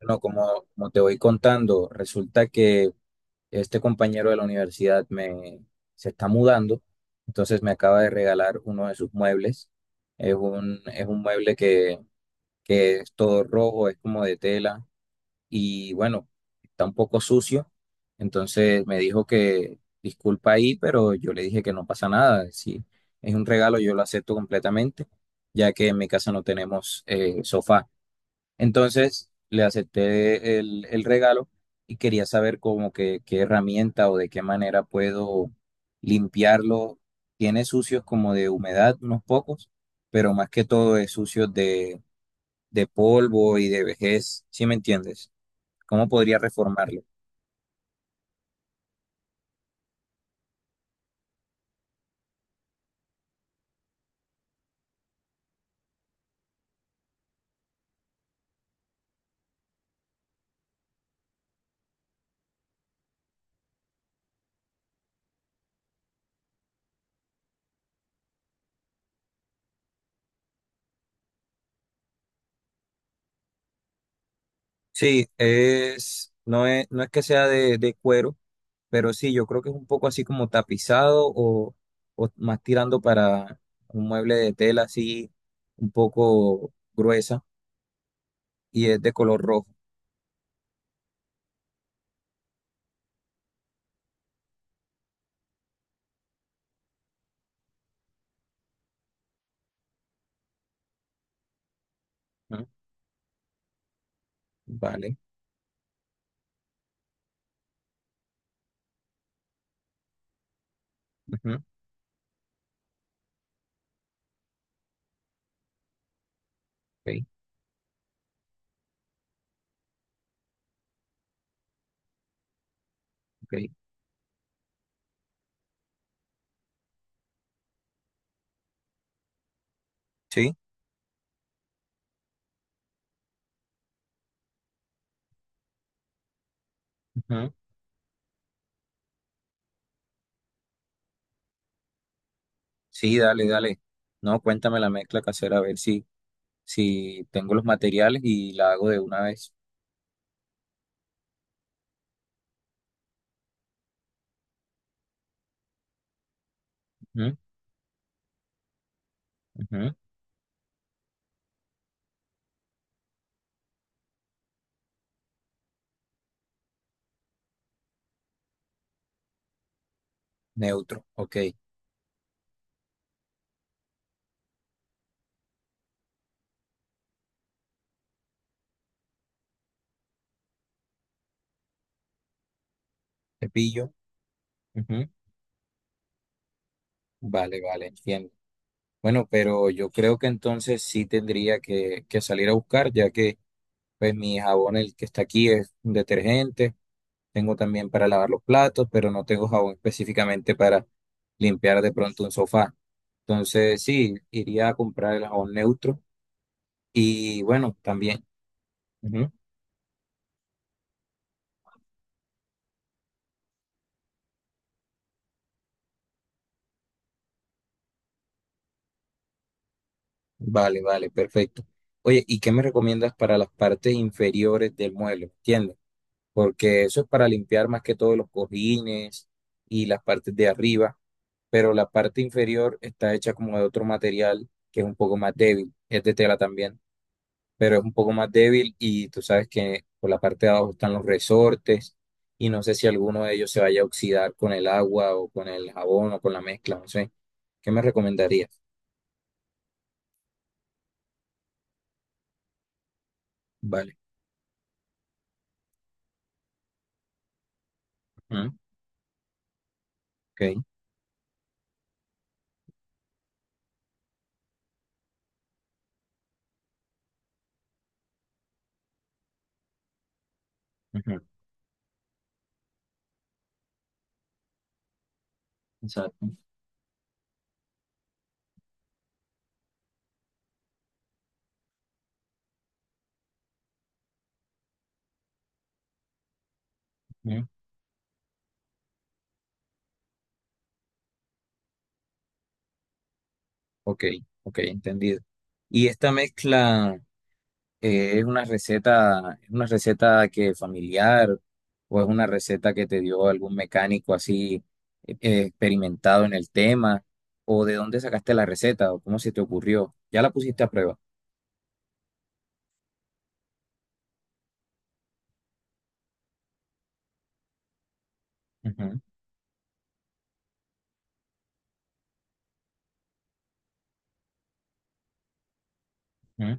Bueno, como te voy contando, resulta que este compañero de la universidad se está mudando, entonces me acaba de regalar uno de sus muebles. Es un mueble que es todo rojo, es como de tela y bueno, está un poco sucio. Entonces me dijo que disculpa ahí, pero yo le dije que no pasa nada. Si es un regalo, yo lo acepto completamente, ya que en mi casa no tenemos sofá. Entonces le acepté el regalo y quería saber como que qué herramienta o de qué manera puedo limpiarlo. Tiene sucios como de humedad, unos pocos, pero más que todo es sucio de polvo y de vejez, ¿sí me entiendes? ¿Cómo podría reformarlo? Sí, no es que sea de cuero. Pero sí, yo creo que es un poco así como tapizado o más tirando para un mueble de tela así un poco gruesa y es de color rojo. Ujú. Vale. Ujú. Ok, ok. Sí. Ujú. Sí, dale, dale. No, cuéntame la mezcla casera a ver si, si tengo los materiales y la hago de una vez. Ujú, ujú. Neutro, ok. Cepillo. Ujú. Vale, vale, entiendo. Bueno, pero yo creo que entonces sí tendría que salir a buscar, ya que pues mi jabón, el que está aquí, es un detergente. Tengo también para lavar los platos, pero no tengo jabón específicamente para limpiar de pronto un sofá. Entonces, sí, iría a comprar el jabón neutro. Y bueno, también. Ujú. Vale, vale, perfecto. Oye, ¿y qué me recomiendas para las partes inferiores del mueble? ¿Entiendes? Porque eso es para limpiar más que todo los cojines y las partes de arriba, pero la parte inferior está hecha como de otro material que es un poco más débil, es de tela también. Pero es un poco más débil y tú sabes que por la parte de abajo están los resortes y no sé si alguno de ellos se vaya a oxidar con el agua o con el jabón o con la mezcla, no sé. ¿Qué me recomendarías? Vale. Ujú. Ok. Ujú. Exacto. Ujú. Ok, ok, entendido. Y esta mezcla... es una receta que familiar o es una receta que te dio algún mecánico así experimentado en el tema o de dónde sacaste la receta o cómo se te ocurrió. Ya la pusiste a prueba. Ujú, ujú.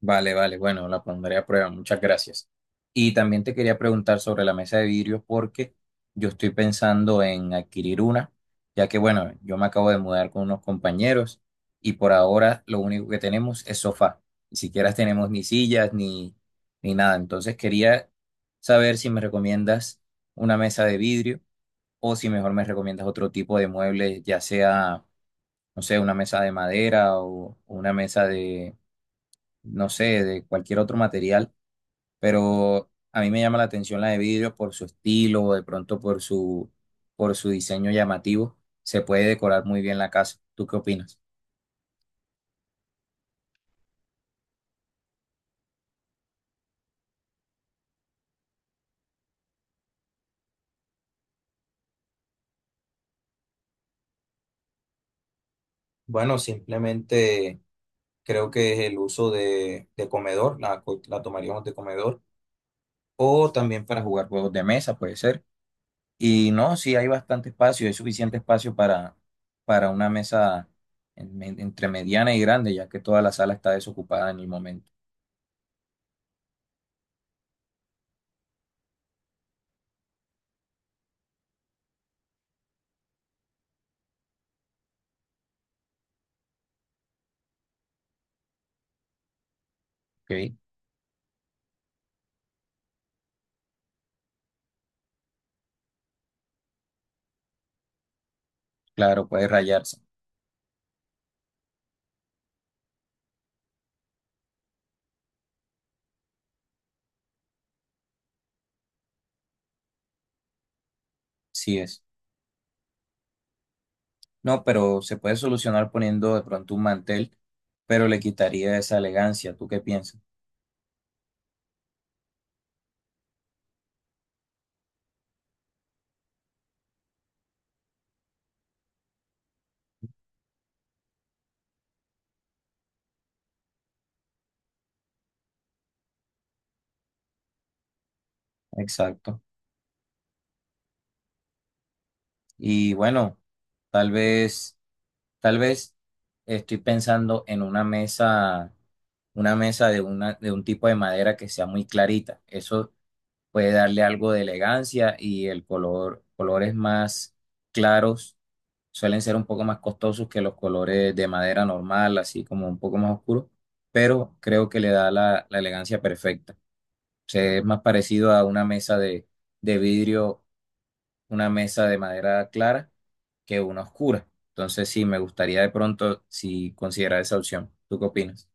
Vale, vale, bueno, la pondré a prueba, muchas gracias. Y también te quería preguntar sobre la mesa de vidrio porque yo estoy pensando en adquirir una, ya que bueno, yo me acabo de mudar con unos compañeros y por ahora lo único que tenemos es sofá, ni siquiera tenemos ni sillas ni, ni nada. Entonces quería saber si me recomiendas una mesa de vidrio o si mejor me recomiendas otro tipo de muebles, ya sea, no sé, una mesa de madera o una mesa de no sé, de cualquier otro material, pero a mí me llama la atención la de vidrio por su estilo, o de pronto por su diseño llamativo, se puede decorar muy bien la casa. ¿Tú qué opinas? Bueno, simplemente creo que es el uso de comedor, la tomaríamos de comedor, o también para jugar juegos de mesa, puede ser. Y no, sí hay bastante espacio, hay suficiente espacio para una mesa entre mediana y grande, ya que toda la sala está desocupada en el momento. ¿Ok? Claro, puede rayarse, sí es. No, pero se puede solucionar poniendo de pronto un mantel, pero le quitaría esa elegancia. ¿Tú qué piensas? Exacto. Y bueno, tal vez, tal vez estoy pensando en una una mesa de un tipo de madera que sea muy clarita. Eso puede darle algo de elegancia y colores más claros suelen ser un poco más costosos que los colores de madera normal, así como un poco más oscuros, pero creo que le da la elegancia perfecta. O sea, es más parecido a una mesa de vidrio, una mesa de madera clara que una oscura. Entonces, sí, me gustaría de pronto si considerar esa opción. ¿Tú qué opinas?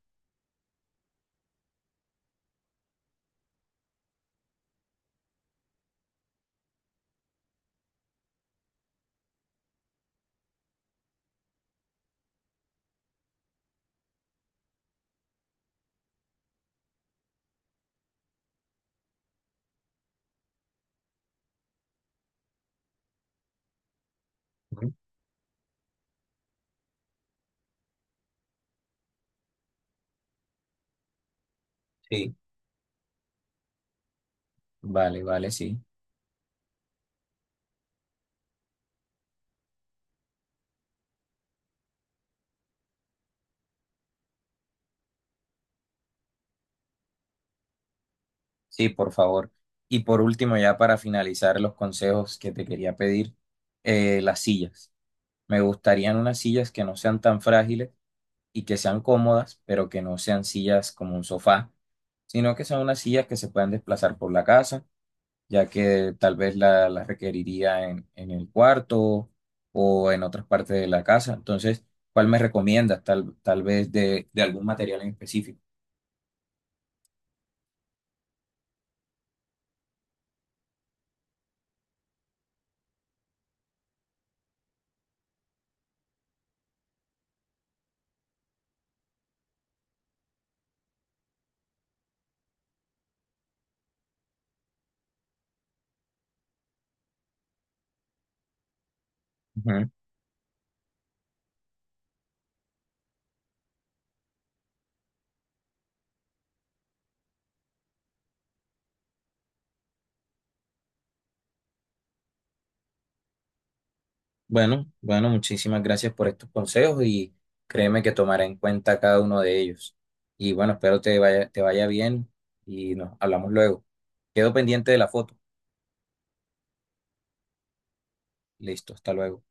Ujú. Sí. Vale, vale, sí. Sí, por favor. Y por último, ya para finalizar los consejos que te quería pedir, las sillas. Me gustarían unas sillas que no sean tan frágiles y que sean cómodas, pero que no sean sillas como un sofá, sino que sean unas sillas que se puedan desplazar por la casa, ya que tal vez las requeriría en el cuarto o en otras partes de la casa. Entonces, ¿cuál me recomiendas? Tal vez de algún material en específico. Bueno, bueno, muchísimas gracias por estos consejos y créeme que tomaré en cuenta cada uno de ellos. Y bueno, espero te vaya bien y nos hablamos luego. Quedo pendiente de la foto. Listo, hasta luego.